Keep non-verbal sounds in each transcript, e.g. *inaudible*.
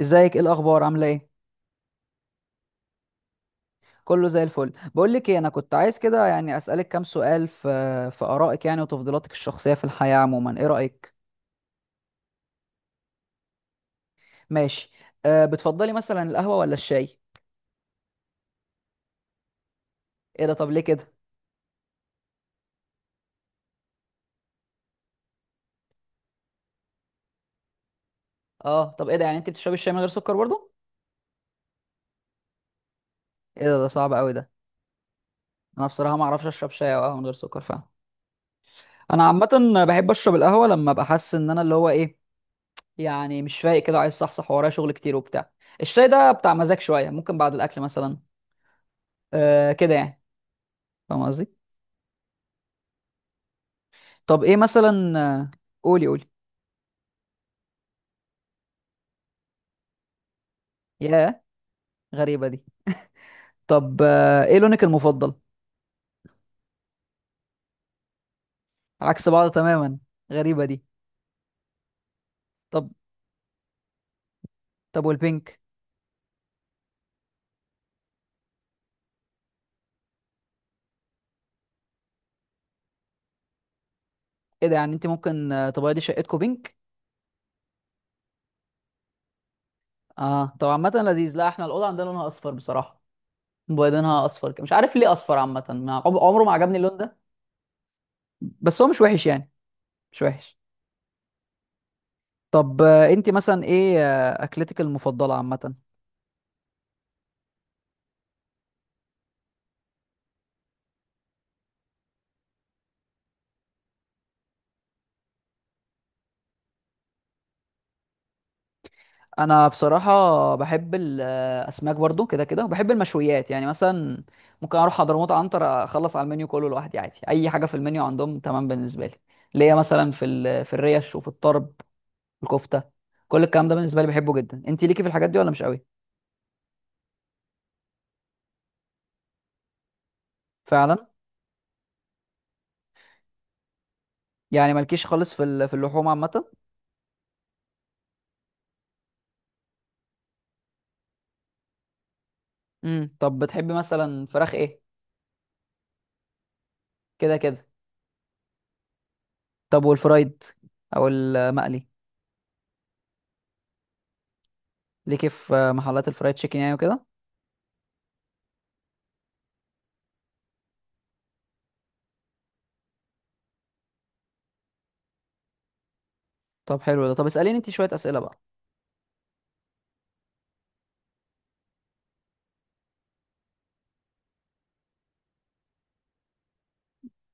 ازيك؟ ايه الاخبار؟ عامله ايه؟ كله زي الفل. بقول لك ايه، انا كنت عايز كده يعني اسالك كام سؤال في ارائك يعني وتفضيلاتك الشخصيه في الحياه عموما. ايه رايك؟ ماشي. أه، بتفضلي مثلا القهوه ولا الشاي؟ ايه ده؟ طب ليه كده؟ اه، طب ايه ده؟ يعني انت بتشربي الشاي من غير سكر برضه؟ ايه ده؟ ده صعب قوي ده. انا بصراحه ما اعرفش اشرب شاي او قهوه من غير سكر فعلا. انا عامه بحب اشرب القهوه لما ابقى حاسس ان انا اللي هو ايه، يعني مش فايق كده، عايز صحصح ورايا شغل كتير وبتاع. الشاي ده بتاع مزاج شويه، ممكن بعد الاكل مثلا. أه كده يعني. فاهم قصدي؟ طب ايه مثلا؟ آه، قولي قولي. ياه، غريبة دي. طب ايه لونك المفضل؟ عكس بعض تماما. غريبة دي. طب. طب والبينك؟ ايه ده؟ يعني انت ممكن تبيضي شقتكم بينك؟ اه، طب عامة لذيذ. لا احنا الأوضة عندنا لونها أصفر بصراحة. مبيضينها أصفر كده. مش عارف ليه أصفر. عامة عمره ما عجبني اللون ده. بس هو مش وحش يعني، مش وحش. طب انت مثلا ايه أكلتك المفضلة عامة؟ انا بصراحه بحب الاسماك برضو كده كده، وبحب المشويات يعني. مثلا ممكن اروح حضرموت عنتر اخلص على المنيو كله لوحدي عادي. اي حاجه في المنيو عندهم تمام بالنسبه لي. ليا مثلا في الريش، وفي الطرب، الكفته. كل الكلام ده بالنسبه لي بحبه جدا. انت ليكي في الحاجات دي ولا مش قوي؟ فعلا. يعني مالكيش خالص في اللحوم عامه؟ امم. طب بتحبي مثلا فراخ ايه؟ كده كده. طب والفرايد او المقلي؟ ليكي في محلات الفرايد تشيكن يعني وكده؟ طب حلو ده. طب اساليني انت شويه اسئله بقى.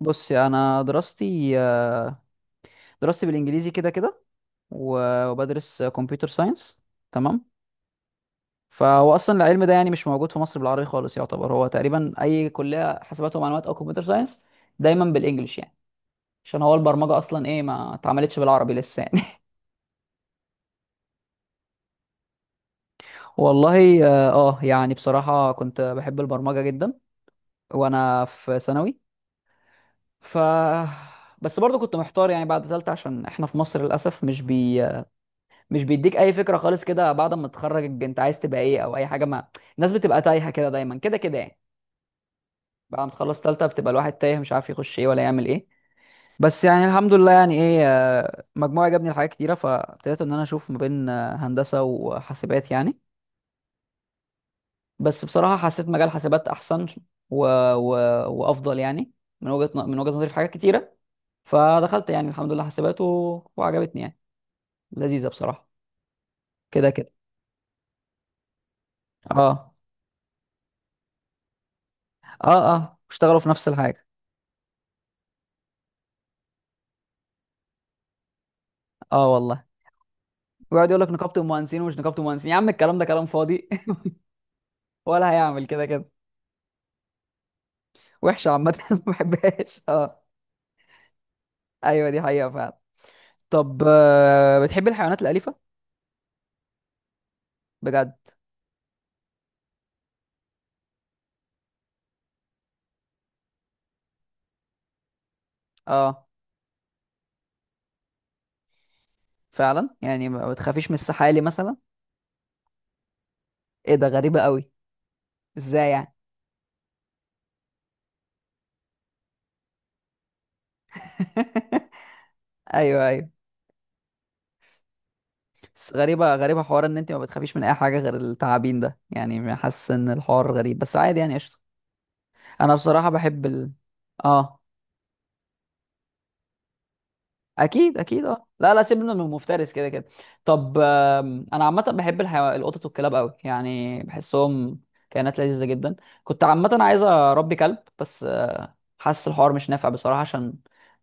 بصي، انا دراستي بالانجليزي كده كده. وبدرس كمبيوتر ساينس. تمام. فهو اصلا العلم ده يعني مش موجود في مصر بالعربي خالص. يعتبر هو تقريبا اي كليه حاسبات ومعلومات او كمبيوتر ساينس دايما بالانجلش يعني. عشان هو البرمجه اصلا ايه، ما اتعملتش بالعربي لسه يعني. *laughs* والله اه، يعني بصراحه كنت بحب البرمجه جدا وانا في ثانوي. ف بس برضو كنت محتار يعني بعد ثالثه، عشان احنا في مصر للاسف مش بيديك اي فكره خالص كده بعد ما تتخرج انت عايز تبقى ايه او اي حاجه. ما الناس بتبقى تايهه كده دايما كده كده يعني. بعد ما تخلص تالتة بتبقى الواحد تايه مش عارف يخش ايه ولا يعمل ايه. بس يعني الحمد لله يعني ايه، مجموعة جابني لحاجات كتيره، فابتديت ان انا اشوف ما بين هندسه وحاسبات يعني. بس بصراحه حسيت مجال حاسبات احسن و... و... وافضل يعني، من من وجهه نظري في حاجات كتيره. فدخلت يعني الحمد لله حاسبات وعجبتني يعني، لذيذه بصراحه. كده كده. اه اه اه اشتغلوا في نفس الحاجه. اه والله. ويقعد يقول لك نقابه المهندسين ومش نقابه المهندسين، يا عم الكلام ده كلام فاضي. *laughs* ولا هيعمل كده كده. وحشه عامه، *laughs* ما بحبهاش اه. ايوه، دي حقيقه فعلا. طب بتحب الحيوانات الاليفه؟ بجد؟ اه. فعلا. يعني ما بتخافيش من السحالي مثلا؟ ايه ده؟ غريبه قوي. ازاي يعني؟ *laughs* ايوه ايوه. بس غريبه غريبه حوار ان انت ما بتخافيش من اي حاجه غير التعابين ده. يعني حاسس ان الحوار غريب بس عادي يعني قشطه. انا بصراحه بحب ال... اه. اكيد اكيد اه، لا لا سيبنا من المفترس كده كده. طب انا عامه بحب الحيو... القطط والكلاب قوي، يعني بحسهم كائنات لذيذه جدا. كنت عامه عايز اربي كلب، بس حاسس الحوار مش نافع بصراحه، عشان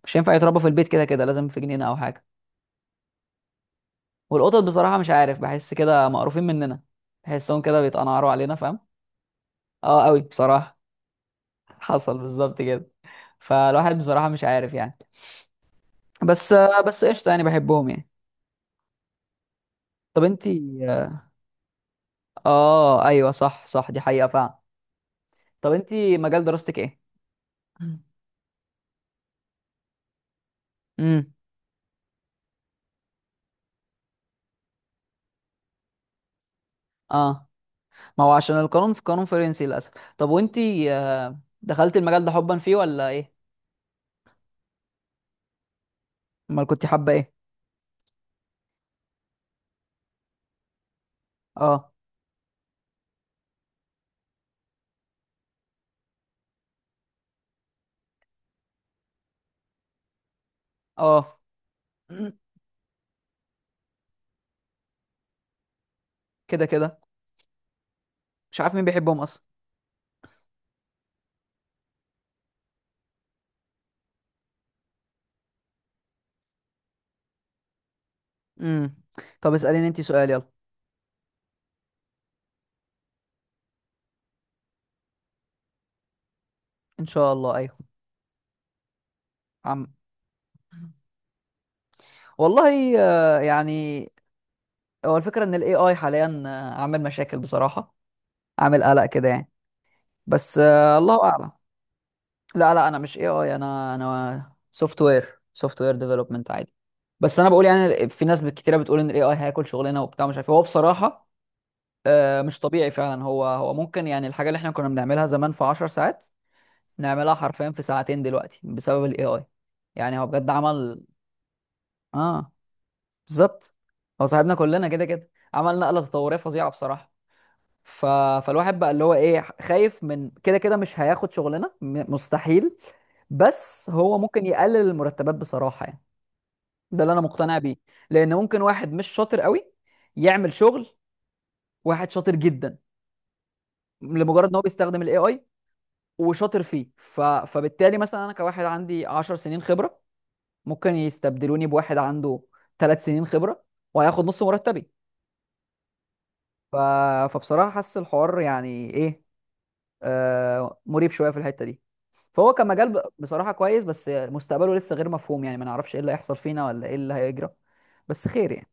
مش هينفع يتربى في البيت كده كده، لازم في جنينه او حاجه. والقطط بصراحه مش عارف، بحس كده مقروفين مننا. بحسهم كده بيتقنعروا علينا فاهم. اه قوي بصراحه. *laughs* حصل بالظبط كده. فالواحد بصراحه مش عارف يعني. بس بس قشطه يعني بحبهم يعني. طب انتي، اه ايوه صح صح، دي حقيقة فعلا. طب انت مجال دراستك ايه؟ امم. اه، ما هو عشان القانون في قانون فرنسي للاسف. طب وانت دخلت المجال ده حبا فيه ولا ايه؟ امال كنت حابة ايه؟ اه اه. *clears throat* كده كده. مش عارف مين بيحبهم اصلا. امم. طب اسأليني انت سؤال يلا. ان شاء الله ايوه. عم. والله يعني هو الفكرة ان الاي اي حاليا عامل مشاكل بصراحة، عامل قلق كده يعني. بس الله اعلم. لا لا انا مش اي اي، انا سوفت وير ديفلوبمنت عادي. بس انا بقول يعني في ناس كتيره بتقول ان الاي اي هياكل شغلنا وبتاع مش عارف إيه. هو بصراحه مش طبيعي فعلا. هو ممكن يعني الحاجه اللي احنا كنا بنعملها زمان في 10 ساعات، نعملها حرفيا في ساعتين دلوقتي بسبب الاي اي. يعني هو بجد عمل. اه بالظبط. هو صاحبنا كلنا كده كده، عمل نقله تطوريه فظيعه بصراحه. ف... فالواحد بقى اللي هو ايه خايف من كده كده مش هياخد شغلنا، مستحيل. بس هو ممكن يقلل المرتبات بصراحة يعني. ده اللي انا مقتنع بيه. لان ممكن واحد مش شاطر قوي يعمل شغل واحد شاطر جدا لمجرد ان هو بيستخدم الاي اي وشاطر فيه. فبالتالي مثلا انا كواحد عندي 10 سنين خبرة، ممكن يستبدلوني بواحد عنده 3 سنين خبرة وهياخد نص مرتبي. ف... فبصراحة حاسس الحوار يعني ايه، مريب شوية في الحتة دي. فهو كمجال بصراحة كويس، بس مستقبله لسه غير مفهوم. يعني ما نعرفش ايه اللي هيحصل فينا ولا ايه اللي هيجرى. بس خير يعني.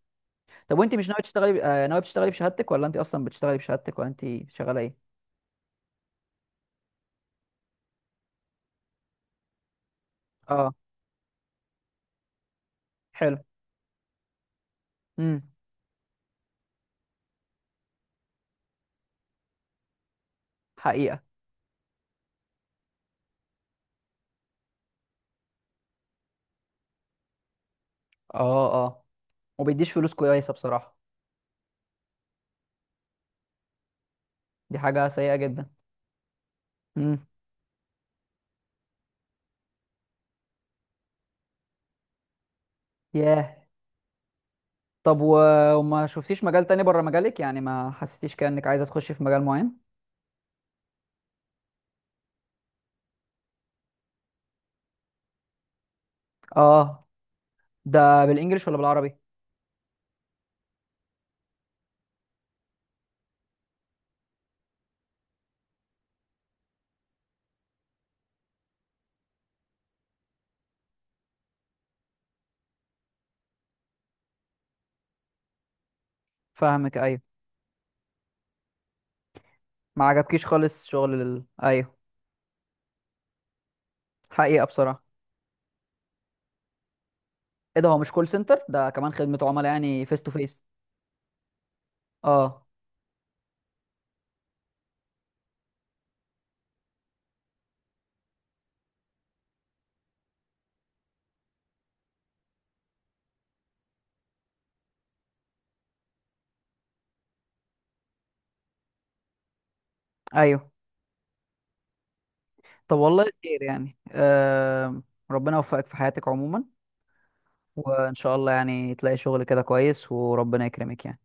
طب وانت مش ناوي تشتغلي ب... آه، ناوي تشتغلي بشهادتك، ولا انت اصلا بتشتغلي بشهادتك، ولا انت شغالة ايه؟ اه، حلو. امم. حقيقة. اه اه. وبيديش فلوس كويسة بصراحة. دي حاجة سيئة جدا. امم. ياه. طب وما شفتيش مجال تاني بره مجالك؟ يعني ما حسيتيش كأنك عايزة تخشي في مجال معين؟ اه. ده بالانجلش ولا بالعربي؟ فاهمك ايوه. ما عجبكيش خالص شغل ال... ايوه. حقيقة بصراحة. ايه ده، هو مش كول سنتر ده كمان خدمة عملاء يعني فيس تو فيس؟ اه ايوه. طب والله خير يعني ربنا يوفقك في حياتك عموما. وان شاء الله يعني تلاقي شغل كده كويس وربنا يكرمك يعني.